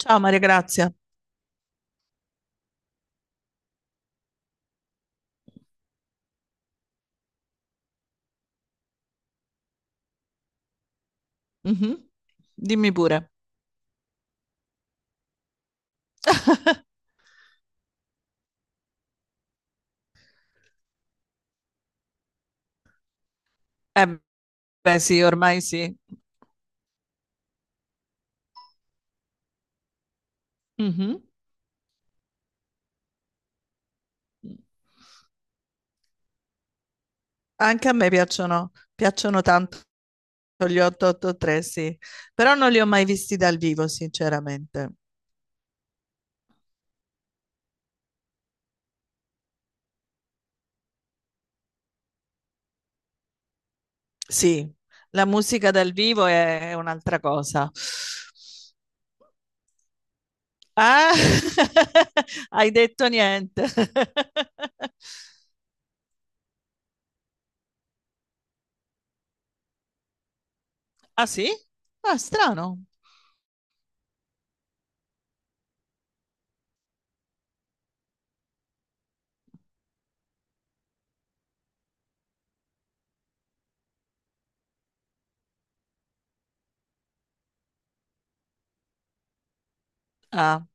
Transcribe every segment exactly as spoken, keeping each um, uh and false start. Ciao Maria Grazia. Mhm, dimmi pure. Eh beh sì, ormai sì. Mhm. Anche a me piacciono, piacciono tanto gli ottocentoottantatré, sì. Però non li ho mai visti dal vivo, sinceramente. Sì, la musica dal vivo è, è un'altra cosa. Ah, hai detto niente. Ah sì? Ah, strano. Ah.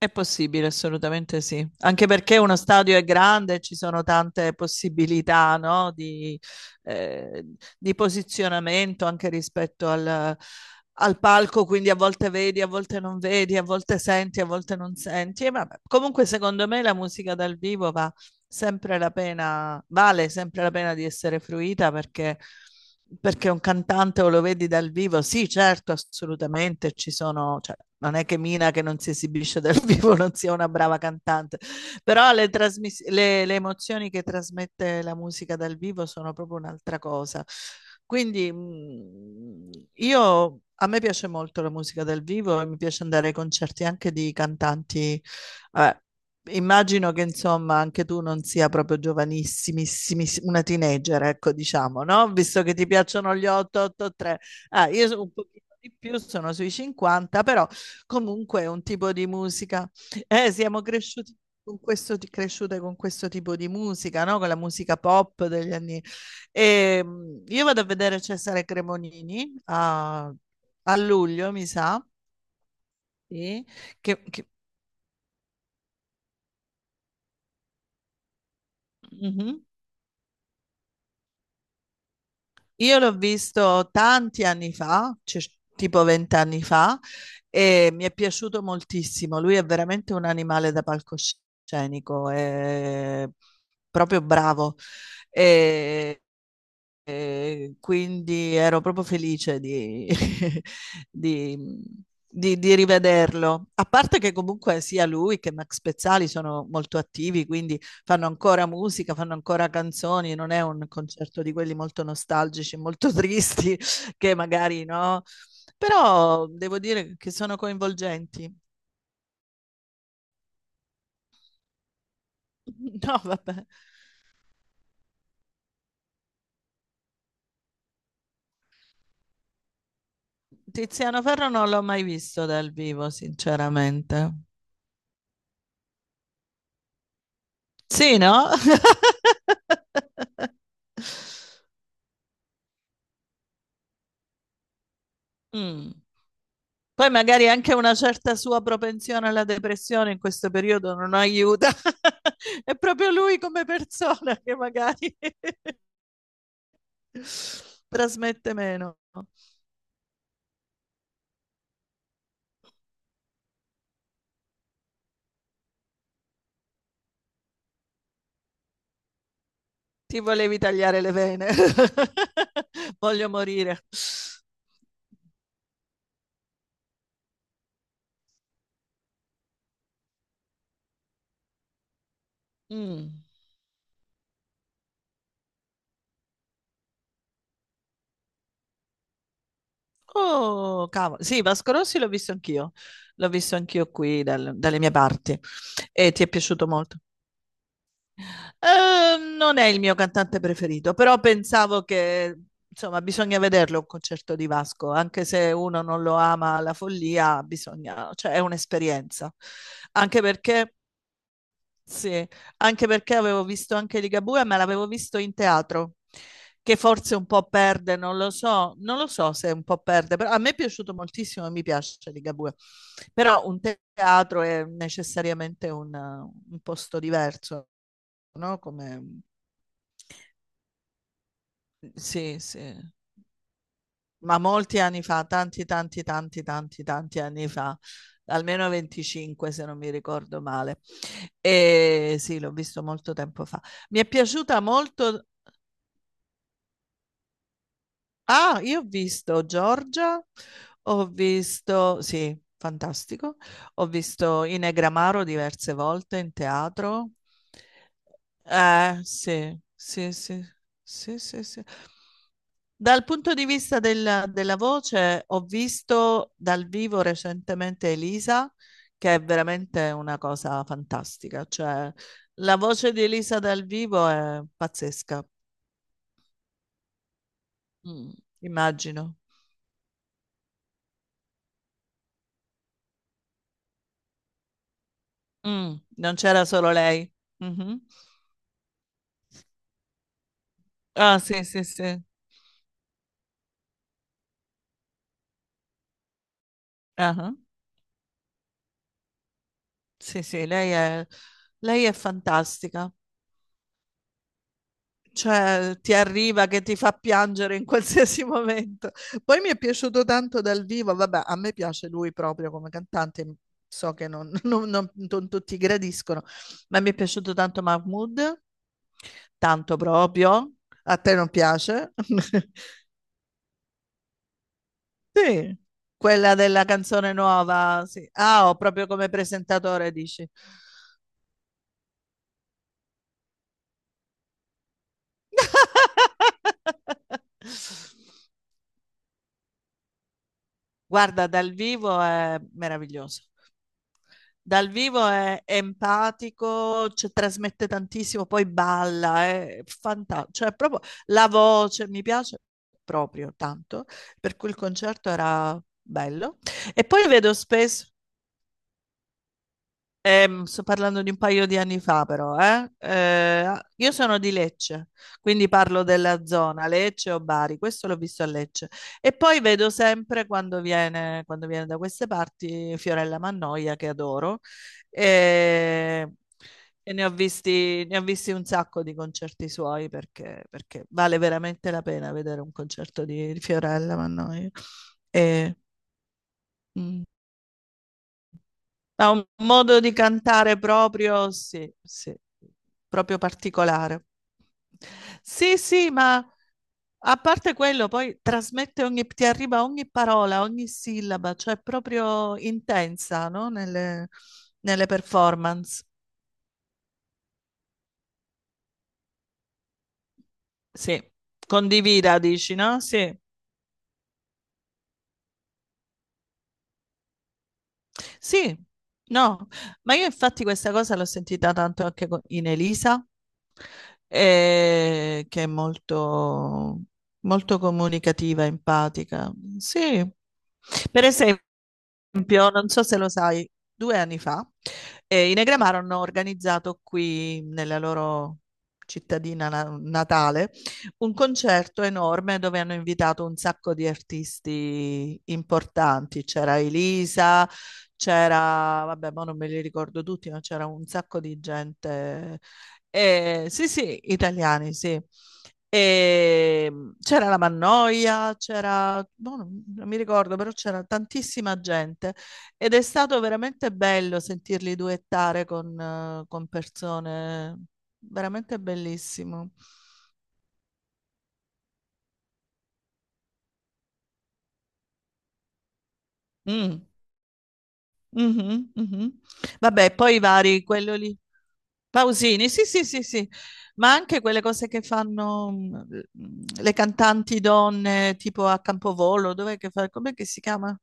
È possibile, assolutamente sì. Anche perché uno stadio è grande e ci sono tante possibilità, no, di eh, di posizionamento anche rispetto al, al palco, quindi a volte vedi, a volte non vedi, a volte senti, a volte non senti. E vabbè. Comunque, secondo me, la musica dal vivo va sempre la pena, vale sempre la pena di essere fruita perché, perché un cantante o lo vedi dal vivo, sì, certo, assolutamente ci sono. Cioè, non è che Mina che non si esibisce dal vivo non sia una brava cantante, però le, trasmis- le- le emozioni che trasmette la musica dal vivo sono proprio un'altra cosa. Quindi mh, io, a me piace molto la musica dal vivo e mi piace andare ai concerti anche di cantanti. Vabbè, immagino che insomma anche tu non sia proprio giovanissimissimi, una teenager, ecco diciamo, no? Visto che ti piacciono gli ottocentoottantatré. Ah, io sono un pochino di più, sono sui cinquanta, però comunque è un tipo di musica. Eh, siamo cresciuti con questo, ti- cresciute con questo tipo di musica, no? Con la musica pop degli anni. E, mh, io vado a vedere Cesare Cremonini a, a luglio, mi sa, sì, che- che- mhm. Io l'ho visto tanti anni fa, cioè, tipo vent'anni fa, e mi è piaciuto moltissimo. Lui è veramente un animale da palcoscenico, è proprio bravo. E E quindi ero proprio felice di, di- mhmm, di- di rivederlo. A parte che comunque sia lui che Max Pezzali sono molto attivi, quindi fanno ancora musica, fanno ancora canzoni, non è un concerto di quelli molto nostalgici, molto tristi, che magari no. Però devo dire che sono coinvolgenti. No, vabbè. Tiziano Ferro non l'ho mai visto dal vivo, sinceramente. Sì, no? Mm. Poi magari anche una certa sua propensione alla depressione in questo periodo non aiuta. È proprio lui come persona che magari trasmette meno. Ti volevi tagliare le vene. Voglio morire. Mm. Oh, cavolo. Sì, Vasco Rossi l'ho visto anch'io. L'ho visto anch'io qui dal- dalle mie parti. E ti è piaciuto molto. Eh, non è il mio cantante preferito, però pensavo che, insomma, bisogna vederlo un concerto di Vasco, anche se uno non lo ama alla follia, bisogna, cioè è un'esperienza. Anche perché, sì, anche perché avevo visto anche Ligabue, ma l'avevo visto in teatro, che forse un po' perde, non lo so, non lo so se un po' perde, però a me è piaciuto moltissimo e mi piace Ligabue. Però un teatro è necessariamente un, un posto diverso, no? Come Sì, sì, ma molti anni fa, tanti, tanti, tanti, tanti, tanti anni fa, almeno venticinque se non mi ricordo male. E sì, l'ho visto molto tempo fa. Mi è piaciuta molto. Ah, io ho visto Giorgia, ho visto, sì, fantastico. Ho visto Inegramaro diverse volte in teatro. Eh, sì, sì, sì, sì, sì, sì. Dal punto di vista del- della voce, ho visto dal vivo recentemente Elisa, che è veramente una cosa fantastica. Cioè, la voce di Elisa dal vivo è pazzesca. Mm. Immagino. Mm, non c'era solo lei. Mhm. Ah, sì, sì, sì. Ah, sì, sì, lei è, lei è fantastica. Cioè, ti arriva che ti fa piangere in qualsiasi momento. Poi mi è piaciuto tanto dal vivo, vabbè, a me piace lui proprio come cantante, so che non, non- non- non tutti gradiscono, ma mi è piaciuto tanto Mahmood, tanto proprio. A te non piace? Sì, quella della canzone nuova, sì. Ah, ho proprio come presentatore, dici. Guarda, dal vivo è meraviglioso. Dal vivo è empatico, cioè, trasmette tantissimo, poi balla, è fantastico. Cioè, proprio la voce mi piace proprio tanto, per cui il concerto era bello. E poi vedo spesso. Ehm, sto parlando di un paio di anni fa, però, eh? Eh, ah, io sono di Lecce, quindi parlo della zona Lecce o Bari. Questo l'ho visto a Lecce. E poi vedo sempre quando viene, quando viene da queste parti Fiorella Mannoia, che adoro. E, e ne ho visti, ne ho visti un sacco di concerti suoi perché, perché vale veramente la pena vedere un concerto di, di Fiorella Mannoia. E, mm. Ha un modo di cantare proprio, sì, sì, proprio particolare. Sì, sì, ma a parte quello, poi trasmette ogni, ti arriva ogni parola, ogni sillaba, cioè è proprio intensa, no? Nelle, nelle performance. Sì, condivida, dici, no? Sì. Sì, no, ma io infatti questa cosa l'ho sentita tanto anche co- in Elisa, eh, che è molto, molto comunicativa, empatica. Sì, per esempio esempio, non so se lo sai, due anni fa eh, i Negramaro hanno organizzato qui nella loro cittadina na- natale un concerto enorme dove hanno invitato un sacco di artisti importanti. C'era Elisa, c'era, vabbè, ma non me li ricordo tutti, ma c'era un sacco di gente. Eh, sì, sì, italiani, sì. E mm, c'era la Mannoia, c'era, boh, non non mi ricordo, però c'era tantissima gente ed è stato veramente bello sentirli duettare con, eh, con persone, veramente bellissimo. Mm. Mhm, mhm. Vabbè, poi i vari, quello lì. Pausini, sì, sì, sì, sì, ma anche quelle cose che fanno mm, mm, le cantanti donne, tipo a Campovolo, dov'è che fa? Com'è che si chiama?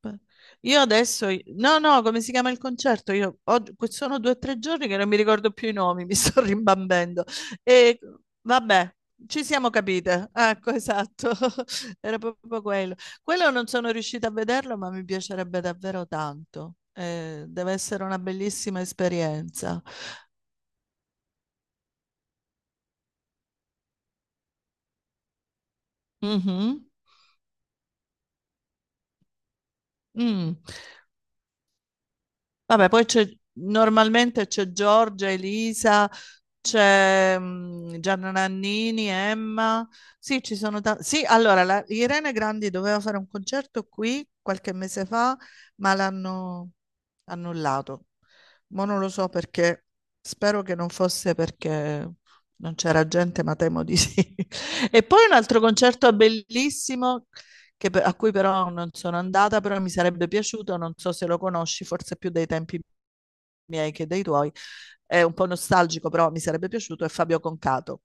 Pa- Io adesso, no, no, come si chiama il concerto? Io ho- que- sono due o tre giorni che non mi ricordo più i nomi, mi sto rimbambendo. E vabbè, ci siamo capite. Ecco, esatto, era proprio quello. Quello non sono riuscita a vederlo, ma mi piacerebbe davvero tanto. Eh, deve essere una bellissima esperienza. Mhm. Mm. Vabbè, poi c'è normalmente c'è Giorgia, Elisa. C'è mm, Gianna Nannini, Emma. Sì, ci sono tanti. Sì, allora, la- Irene Grandi doveva fare un concerto qui qualche mese fa, ma l'hanno annullato. Ma non lo so perché, spero che non fosse perché non c'era gente, ma temo di sì. E poi un altro concerto bellissimo, che per- a cui però non sono andata, però mi sarebbe piaciuto, non so se lo conosci, forse più dei tempi miei che dei tuoi, è un po' nostalgico, però mi sarebbe piaciuto, è Fabio Concato.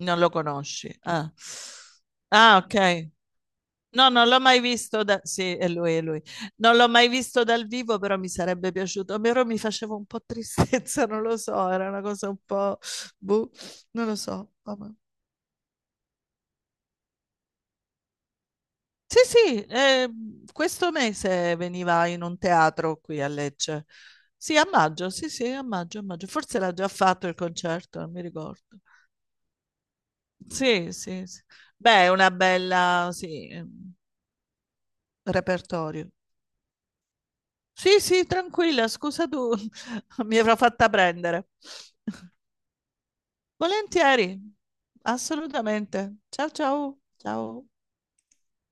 Non lo conosci? Ah, ah, ok. No, non l'ho mai visto da... Sì, è lui, è lui. Non l'ho mai visto dal vivo, però mi sarebbe piaciuto. Però mi faceva un po' tristezza, non lo so, era una cosa un po'... Boh, non lo so. Vabbè. Sì, sì, eh, questo mese veniva in un teatro qui a Lecce. Sì, a maggio, sì, sì, a maggio, a maggio. Forse l'ha già fatto il concerto, non mi ricordo. Sì, sì, sì. Beh, è una bella, sì, ehm, repertorio. Sì, sì, tranquilla, scusa tu, mi avrò fatta prendere. Volentieri, assolutamente. Ciao, ciao, ciao.